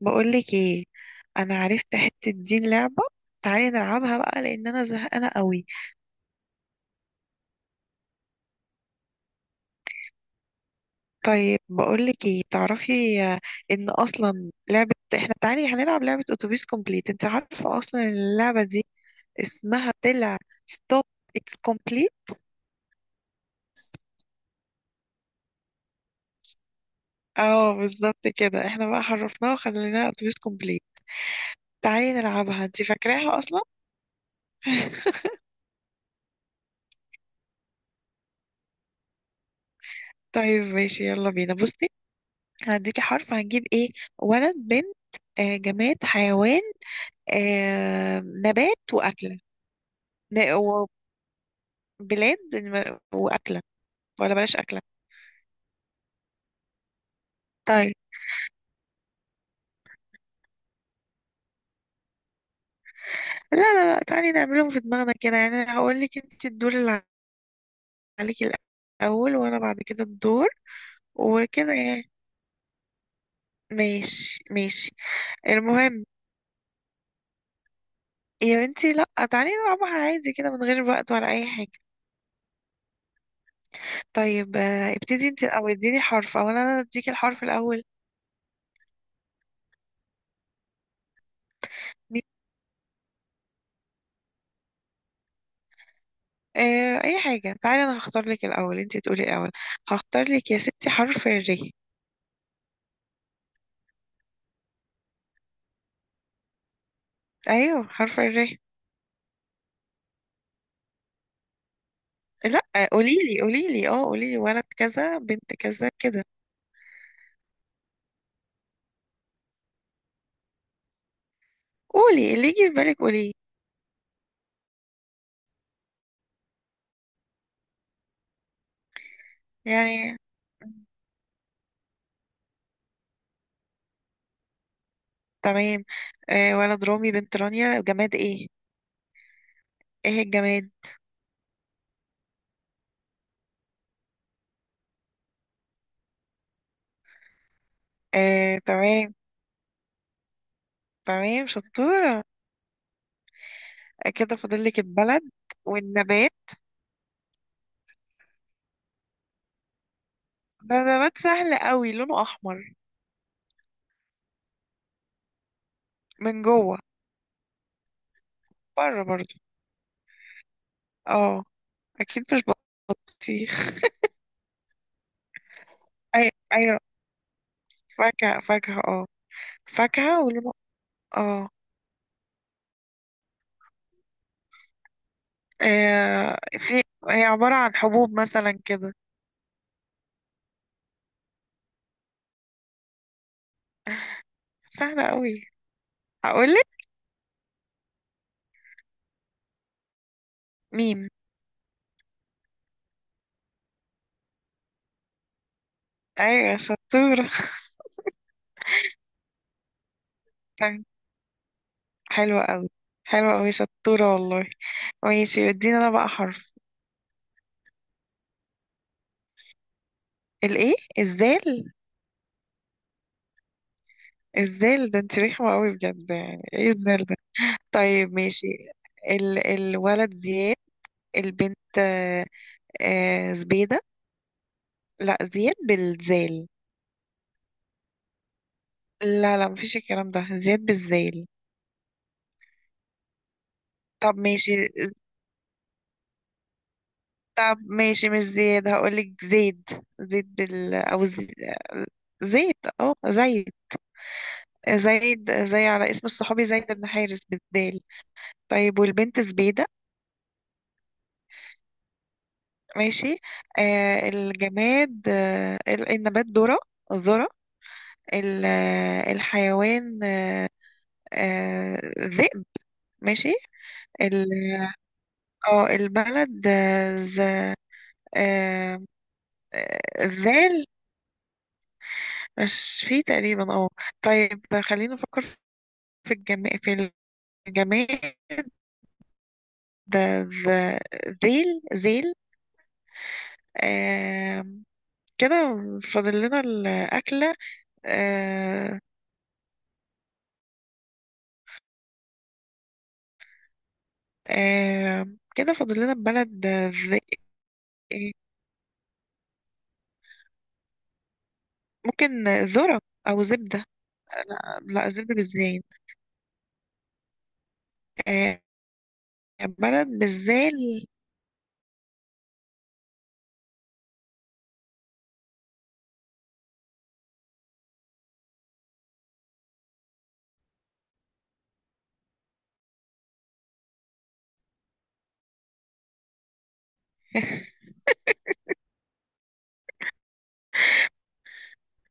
بقولك ايه، انا عرفت حتة دين لعبة. تعالي نلعبها بقى لان انا زهقانة قوي. طيب بقولك ايه، تعرفي ان اصلا لعبة احنا، تعالي هنلعب لعبة اتوبيس كومبليت. انت عارفة اصلا إن اللعبة دي اسمها طلع ستوب اتس كومبليت. اه بالظبط كده، احنا بقى حرفناها وخليناها اتوبيس كومبليت. تعالي نلعبها، انت فاكراها اصلا؟ طيب ماشي يلا بينا. بصي هديكي حرف، هنجيب ايه؟ ولد، بنت، جماد، حيوان، آه نبات وأكلة. ن- وبلاد وأكلة، ولا بلاش أكلة. طيب لا لا لا، تعالي نعملهم في دماغنا كده، يعني هقول لك انت الدور اللي عليكي الأول، وأنا بعد كده الدور وكده يعني. ماشي ماشي، المهم. يا بنتي لا، تعالي نلعبها عادي كده من غير وقت ولا أي حاجة. طيب ابتدي انت الأول، اديني حرف أو أنا اديكي الحرف الأول. مي- أي حاجة، تعالي أنا هختار لك الأول، انت تقولي الأول. هختار لك يا ستي حرف الري. ايوه حرف الر. لا، قوليلي قوليلي، اه قوليلي ولد كذا بنت كذا كده. قولي اللي يجي في بالك قوليه. يعني تمام. آه ولد رامي، بنت رانيا، جماد ايه؟ ايه الجماد؟ آه تمام، تمام شطورة. كده فاضل لك البلد والنبات. ده نبات سهل قوي، لونه احمر من جوه، بره برضو. اه اكيد. مش بطيخ؟ ايوه فاكهة، فاكهة اه، فاكهة ولونه اه. في، هي عبارة عن حبوب مثلا كده. سهلة قوي. هقولك ميم. ايوه شطورة. حلوة قوي، حلوة قوي شطورة والله. ماشي، ادينا انا بقى حرف. الايه؟ الزال. الزال ده؟ انت رخمة قوي بجد، يعني ايه الزال ده؟ طيب ماشي. الولد زياد، البنت زبيدة. لا زياد بالزال. لا لا، مفيش الكلام ده، زياد بالزال. طب ماشي، طب ماشي، مش زياد، هقولك زيد. زيد بال او زي... زيد اه زيد. زيد زي، على اسم الصحابي زيد بن حارس بالدال. طيب والبنت زبيدة. ماشي. آه الجماد، آه النبات ذرة. ذرة. الحيوان آه، ذئب. ماشي. ال اه البلد ز آه، ذال. مش فيه تقريبا اه. طيب خلينا نفكر في في الجماد ده. ذ- ذيل ذيل. آم، كده فاضل لنا الأكلة آه، كده فاضل لنا البلد إيه، ممكن ذرة أو زبدة. لا لا، زبدة بالزين. آه، بلد بالزال.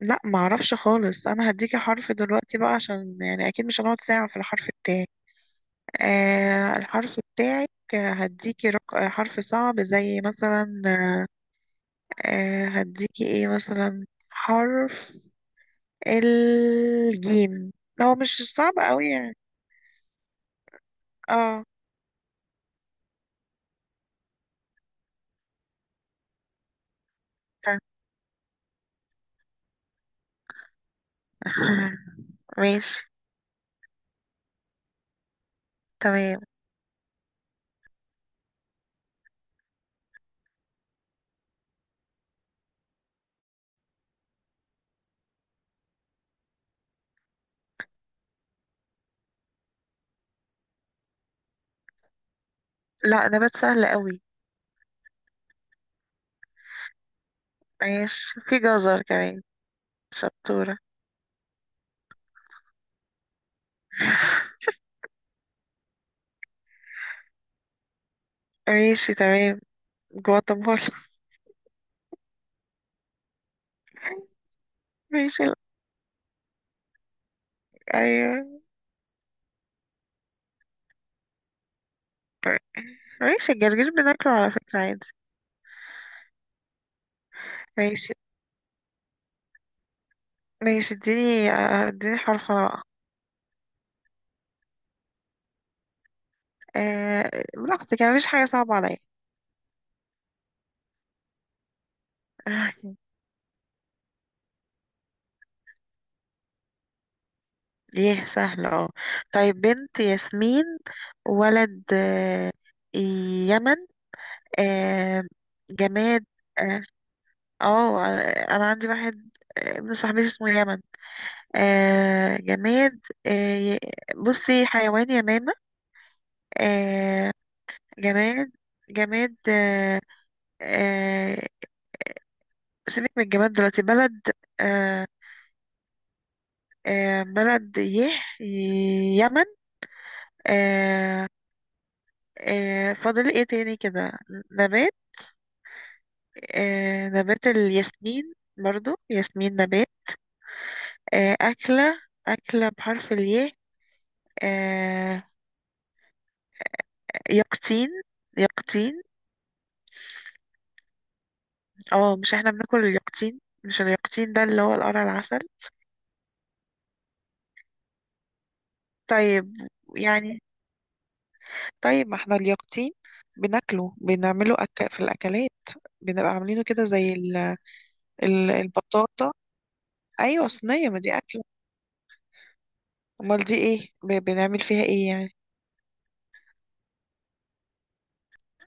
لا معرفش خالص. أنا هديكي حرف دلوقتي بقى، عشان يعني أكيد مش هنقعد ساعة في الحرف بتاعي. الحرف بتاعك هديكي حرف صعب زي مثلا. أه هديكي ايه مثلا حرف؟ الجيم. هو مش صعب قوي يعني. اه. ماشي تمام. لا نبات سهل قوي. ماشي في جزر كمان. شطورة. ماشي تمام، جواتيمالا. ماشي ايوه. ماشي الجرجير بناكله على فكرة عادي. ماشي ماشي، اديني اديني حرف انا بقى. أه براحتك، يعني مفيش حاجة صعبة عليا. ايه سهل اه. طيب بنت ياسمين، ولد يمن. آه، جماد اه. آه، انا عندي واحد، ابن صاحبتي اسمه يمن. جماد آه، بصي، حيوان يمامة. آه، جماد، جماد. آه، سيبك من الجماد دلوقتي. بلد آه، بلد يه، يمن. آه، فاضل ايه تاني كده؟ نبات، آه نبات الياسمين برضو، ياسمين نبات. آه أكلة، أكلة بحرف الياء. آه يقطين، يقطين. اه مش احنا بناكل اليقطين؟ مش اليقطين ده اللي هو القرع العسل؟ طيب يعني. طيب ما احنا اليقطين بناكله، بنعمله في الأكلات، بنبقى عاملينه كده زي البطاطا. أيوة صينية، ما دي أكلة. أمال دي ايه؟ بنعمل فيها ايه يعني؟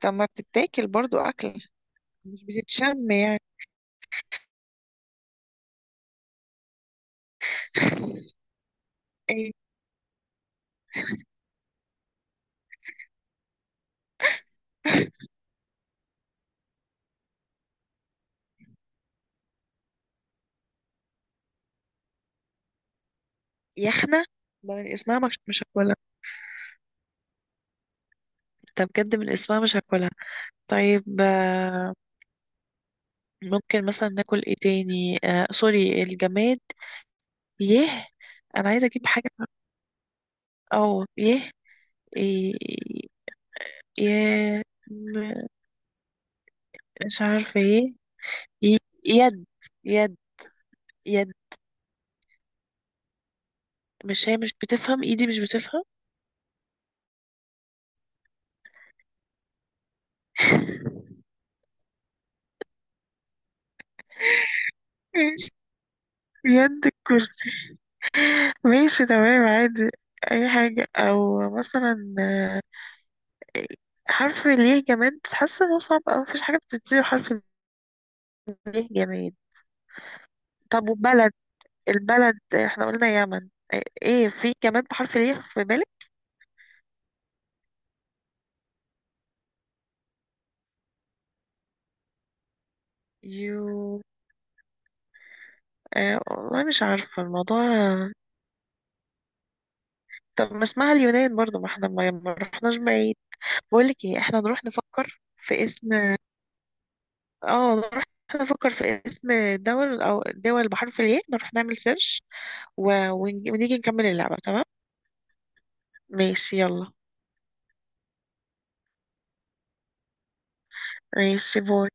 طب ما بتتاكل برضو أكل، مش بتتشم يعني. يخنة، ده من اسمها مش هاكلها. ده بجد من اسمها مش هاكلها. طيب ممكن مثلا ناكل ايه تاني، آه سوري الجماد يه. انا عايزة اجيب حاجة او يه إيه- يه م- مش عارفة ايه. ي- يد، يد يد. مش هي مش بتفهم ايدي، مش بتفهم. ماشي يد الكرسي. ماشي تمام عادي، اي حاجة. او مثلا حرف الياء جماد، حاسة انه صعب اوي، مفيش حاجة بتبتدي بحرف الياء جماد. طب وبلد، البلد احنا قلنا يمن. ايه في جماد بحرف الياء في بالك؟ يو والله مش عارفة الموضوع. طب ما اسمها اليونان برضو، ما احنا ما رحناش بعيد. بقولك ايه، احنا نروح نفكر في اسم، اه نروح نفكر في اسم دول، او دول بحرف الياء. نروح نعمل سيرش و... ونيجي نكمل اللعبة. تمام ماشي يلا. ماشي باي.